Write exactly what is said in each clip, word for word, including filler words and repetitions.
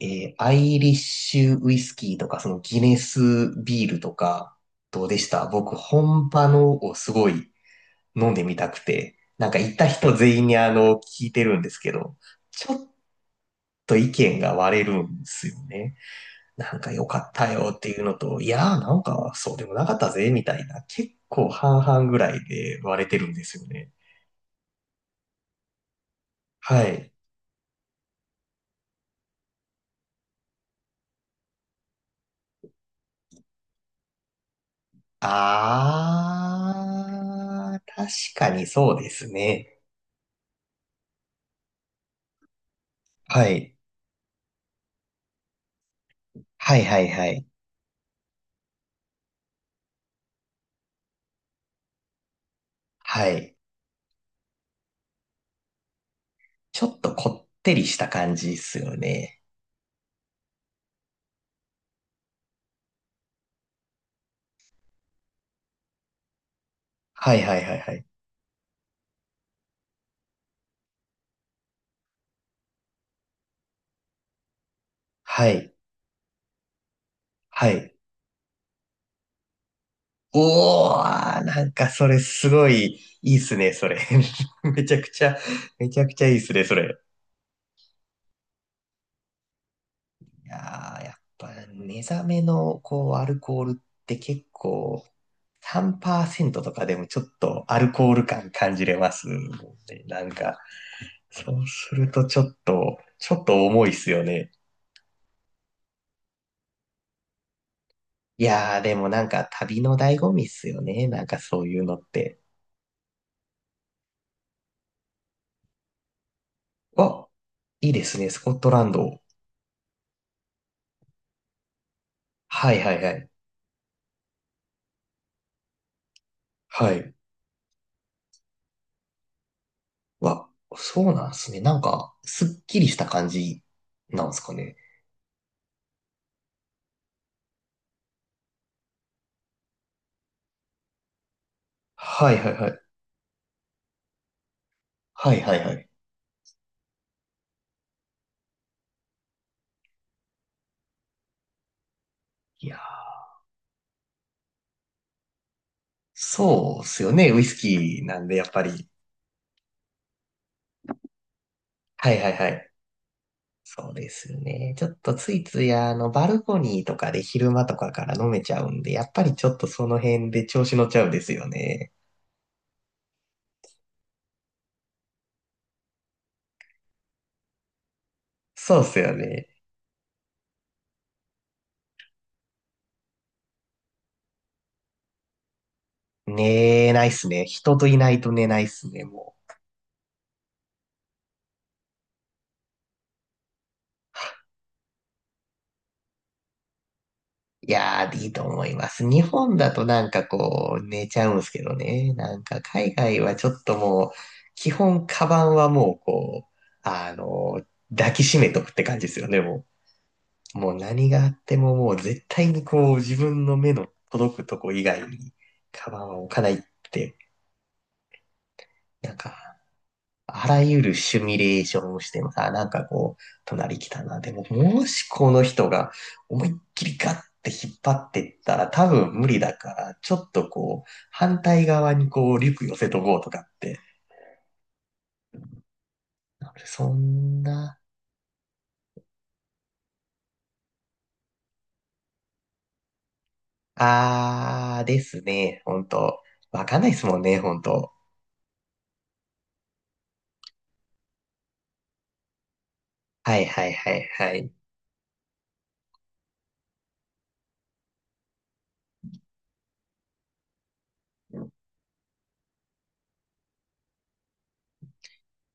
えーアイリッシュウイスキーとか、そのギネスビールとか、どうでした？僕、本場のをすごい飲んでみたくて、なんか行った人全員にあの、聞いてるんですけど、ちょっと意見が割れるんですよね。なんか良かったよっていうのと、いやーなんかそうでもなかったぜ、みたいな、結構半々ぐらいで割れてるんですよね。はい。あー、確かにそうですね。はい。はいはいはい。はい。ちょっとこってりした感じですよね。はいはいはいはい。はい。はい。おー、なんかそれすごいいいっすね、それ。めちゃくちゃ、めちゃくちゃいいっすね、それ。いやー、やっぱ目覚めのこうアルコールって結構さんパーセントとかでもちょっとアルコール感感じれますもんね。なんか、そうするとちょっと、ちょっと重いっすよね。いやー、でもなんか旅の醍醐味っすよね。なんかそういうのって。わ、いいですね、スコットランド。はいはいはい。はい。わ、そうなんすね。なんか、すっきりした感じなんすかね。はいはいはい。はいはいはい。いやー、そうっすよね。ウイスキーなんで、やっぱり。はいはいはい。そうですよね。ちょっとついついあの、バルコニーとかで昼間とかから飲めちゃうんで、やっぱりちょっとその辺で調子乗っちゃうんですよね。そうっすよね。寝ないっすね。人といないと寝ないっすね、もう。いやー、いいと思います。日本だとなんかこう、寝ちゃうんすけどね。なんか海外はちょっともう、基本カバンはもうこう、あの抱きしめとくって感じですよね、もう。もう何があってももう絶対にこう、自分の目の届くとこ以外に、カバンは置かないって、なんかあらゆるシミュレーションをしてもさ、なんかこう、隣来たな。でも、もしこの人が思いっきりガッて引っ張ってったら多分無理だから、ちょっとこう、反対側にこう、リュック寄せとこうとかって。なのでそんな、あーですね。ほんと。わかんないですもんね、ほんと。はいはいはいはい。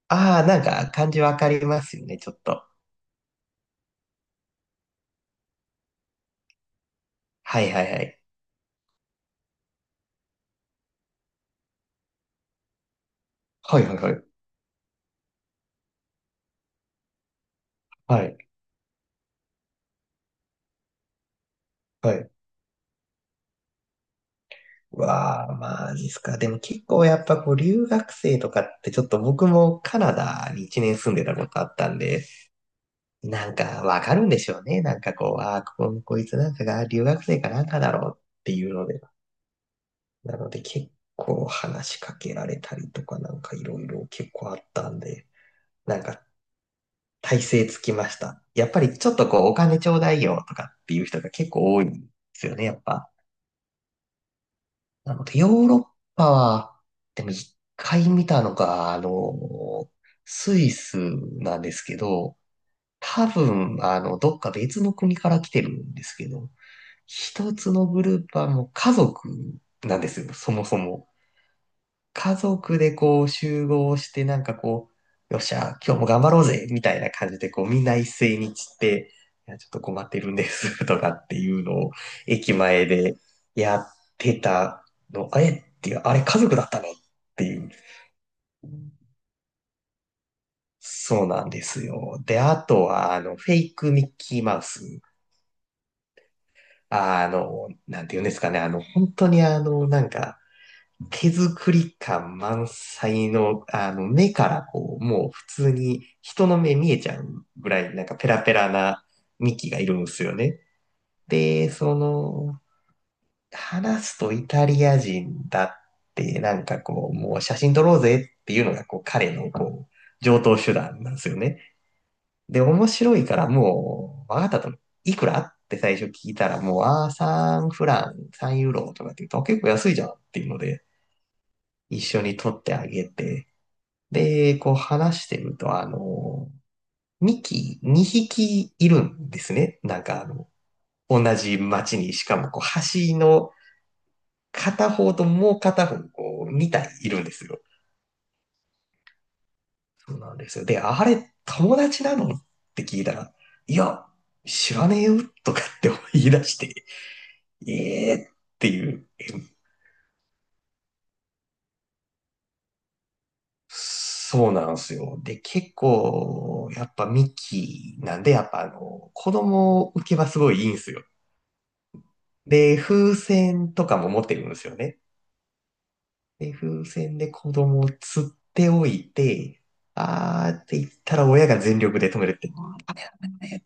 あー、なんか感じわかりますよね、ちょっと。はいはいはい。はいはいはい。はい。はいわあ、マジっすか？でも結構やっぱこう留学生とかってちょっと、僕もカナダにいちねん住んでたことあったんで、なんかわかるんでしょうね。なんかこう、ああ、ここ、こいつなんかが留学生かなんかだろうっていうので。なので結構話しかけられたりとかなんかいろいろ結構あったんで、なんか体勢つきました。やっぱりちょっとこうお金ちょうだいよとかっていう人が結構多いんですよね、やっぱ。なので、ヨーロッパは、でも一回見たのが、あの、スイスなんですけど、多分、あの、どっか別の国から来てるんですけど、一つのグループはもう家族なんですよ、そもそも。家族でこう集合して、なんかこう、よっしゃ、今日も頑張ろうぜ、みたいな感じで、こう、みんな一斉に散って、いや、ちょっと困ってるんです、とかっていうのを、駅前でやってたの、あれっていう、あれ家族だったのっていう。そうなんですよ。で、あとは、あの、フェイクミッキーマウス。あの、なんて言うんですかね、あの、本当にあの、なんか、手作り感満載の、あの、目からこう、もう普通に人の目見えちゃうぐらい、なんかペラペラなミキがいるんですよね。で、その、話すとイタリア人だって、なんかこう、もう写真撮ろうぜっていうのが、こう、彼のこう、上等手段なんですよね。で、面白いからもう、わかったと、いくらって最初聞いたら、もう、ああ、さんフラン、さんユーロとかって言うと、結構安いじゃんっていうので、一緒に撮ってあげて、で、こう話してると、あの、ミキにひきいるんですね。なんかあの、同じ町に、しかもこう橋の片方ともう片方、こうに体いるんですよ。そうなんですよ。で、あれ、友達なのって聞いたら、いや、知らねえよとかって言い出して、ええー、っていう。え、そうなんですよ。で、結構、やっぱミキなんで、やっぱあの、子供受けはすごいいいんですよ。で、風船とかも持ってるんですよね。で、風船で子供を釣っておいて、あーって言ったら親が全力で止めるっていうね。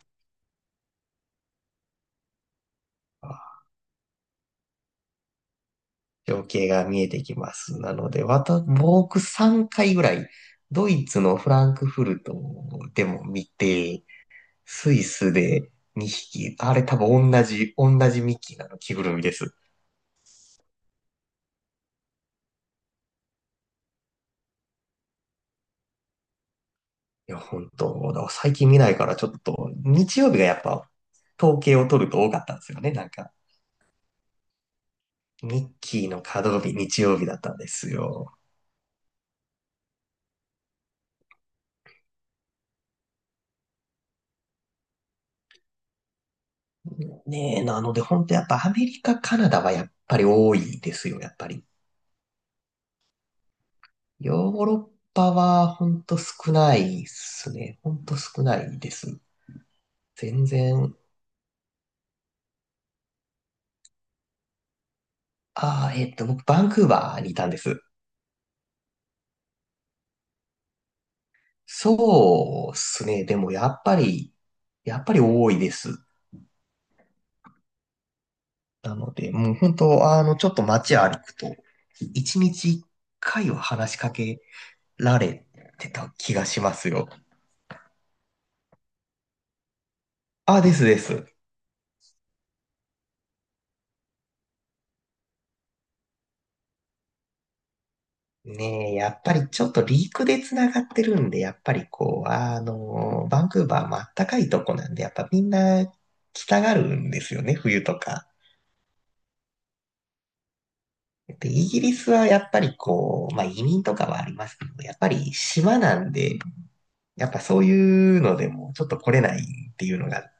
情景が見えてきます。なので、わた、僕さんかいぐらい、ドイツのフランクフルトでも見て、スイスでにひき、あれ多分同じ、同じミッキーなの、着ぐるみです。いや、本当、だから最近見ないからちょっと、日曜日がやっぱ、統計を取ると多かったんですよね、なんか。ミッキーの稼働日、日曜日だったんですよ。ねえ、なので本当やっぱアメリカ、カナダはやっぱり多いですよ、やっぱり。ヨーロッパは本当少ないっすね。本当少ないです。全然。ああ、えっと、僕、バンクーバーにいたんです。そうっすね。でもやっぱり、やっぱり多いです。なので、もう本当、あの、ちょっと街歩くと、一日一回は話しかけられてた気がしますよ。あ、ですです。ねえ、やっぱりちょっとリークで繋がってるんで、やっぱりこう、あの、バンクーバーもあったかいとこなんで、やっぱみんな来たがるんですよね、冬とか。で、イギリスはやっぱりこう、まあ移民とかはありますけど、やっぱり島なんで、やっぱそういうのでもちょっと来れないっていうのが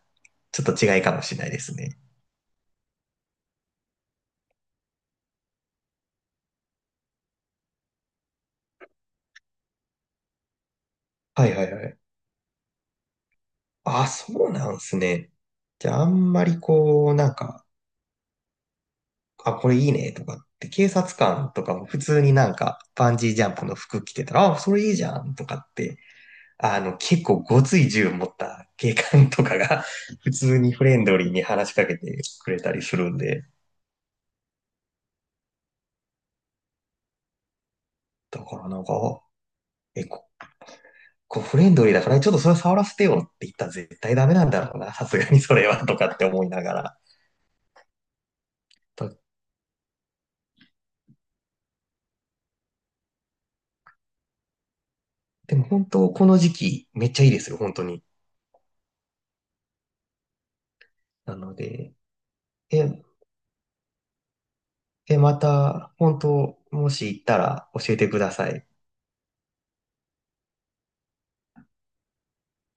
ちょっと違いかもしれないですね。はいはいはい。あ、そうなんですね。じゃあ、あんまりこう、なんか、あ、これいいね、とかって、警察官とかも普通になんか、バンジージャンプの服着てたら、あ、それいいじゃん、とかって、あの、結構ごつい銃持った警官とかが 普通にフレンドリーに話しかけてくれたりするんで、だからなんか、え、こ、こうフレンドリーだから、ちょっとそれ触らせてよって言ったら絶対ダメなんだろうな、さすがにそれは、とかって思いながら。だでも本当、この時期、めっちゃいいですよ、本当に。なので、え、え、また、本当、もし行ったら教えてください。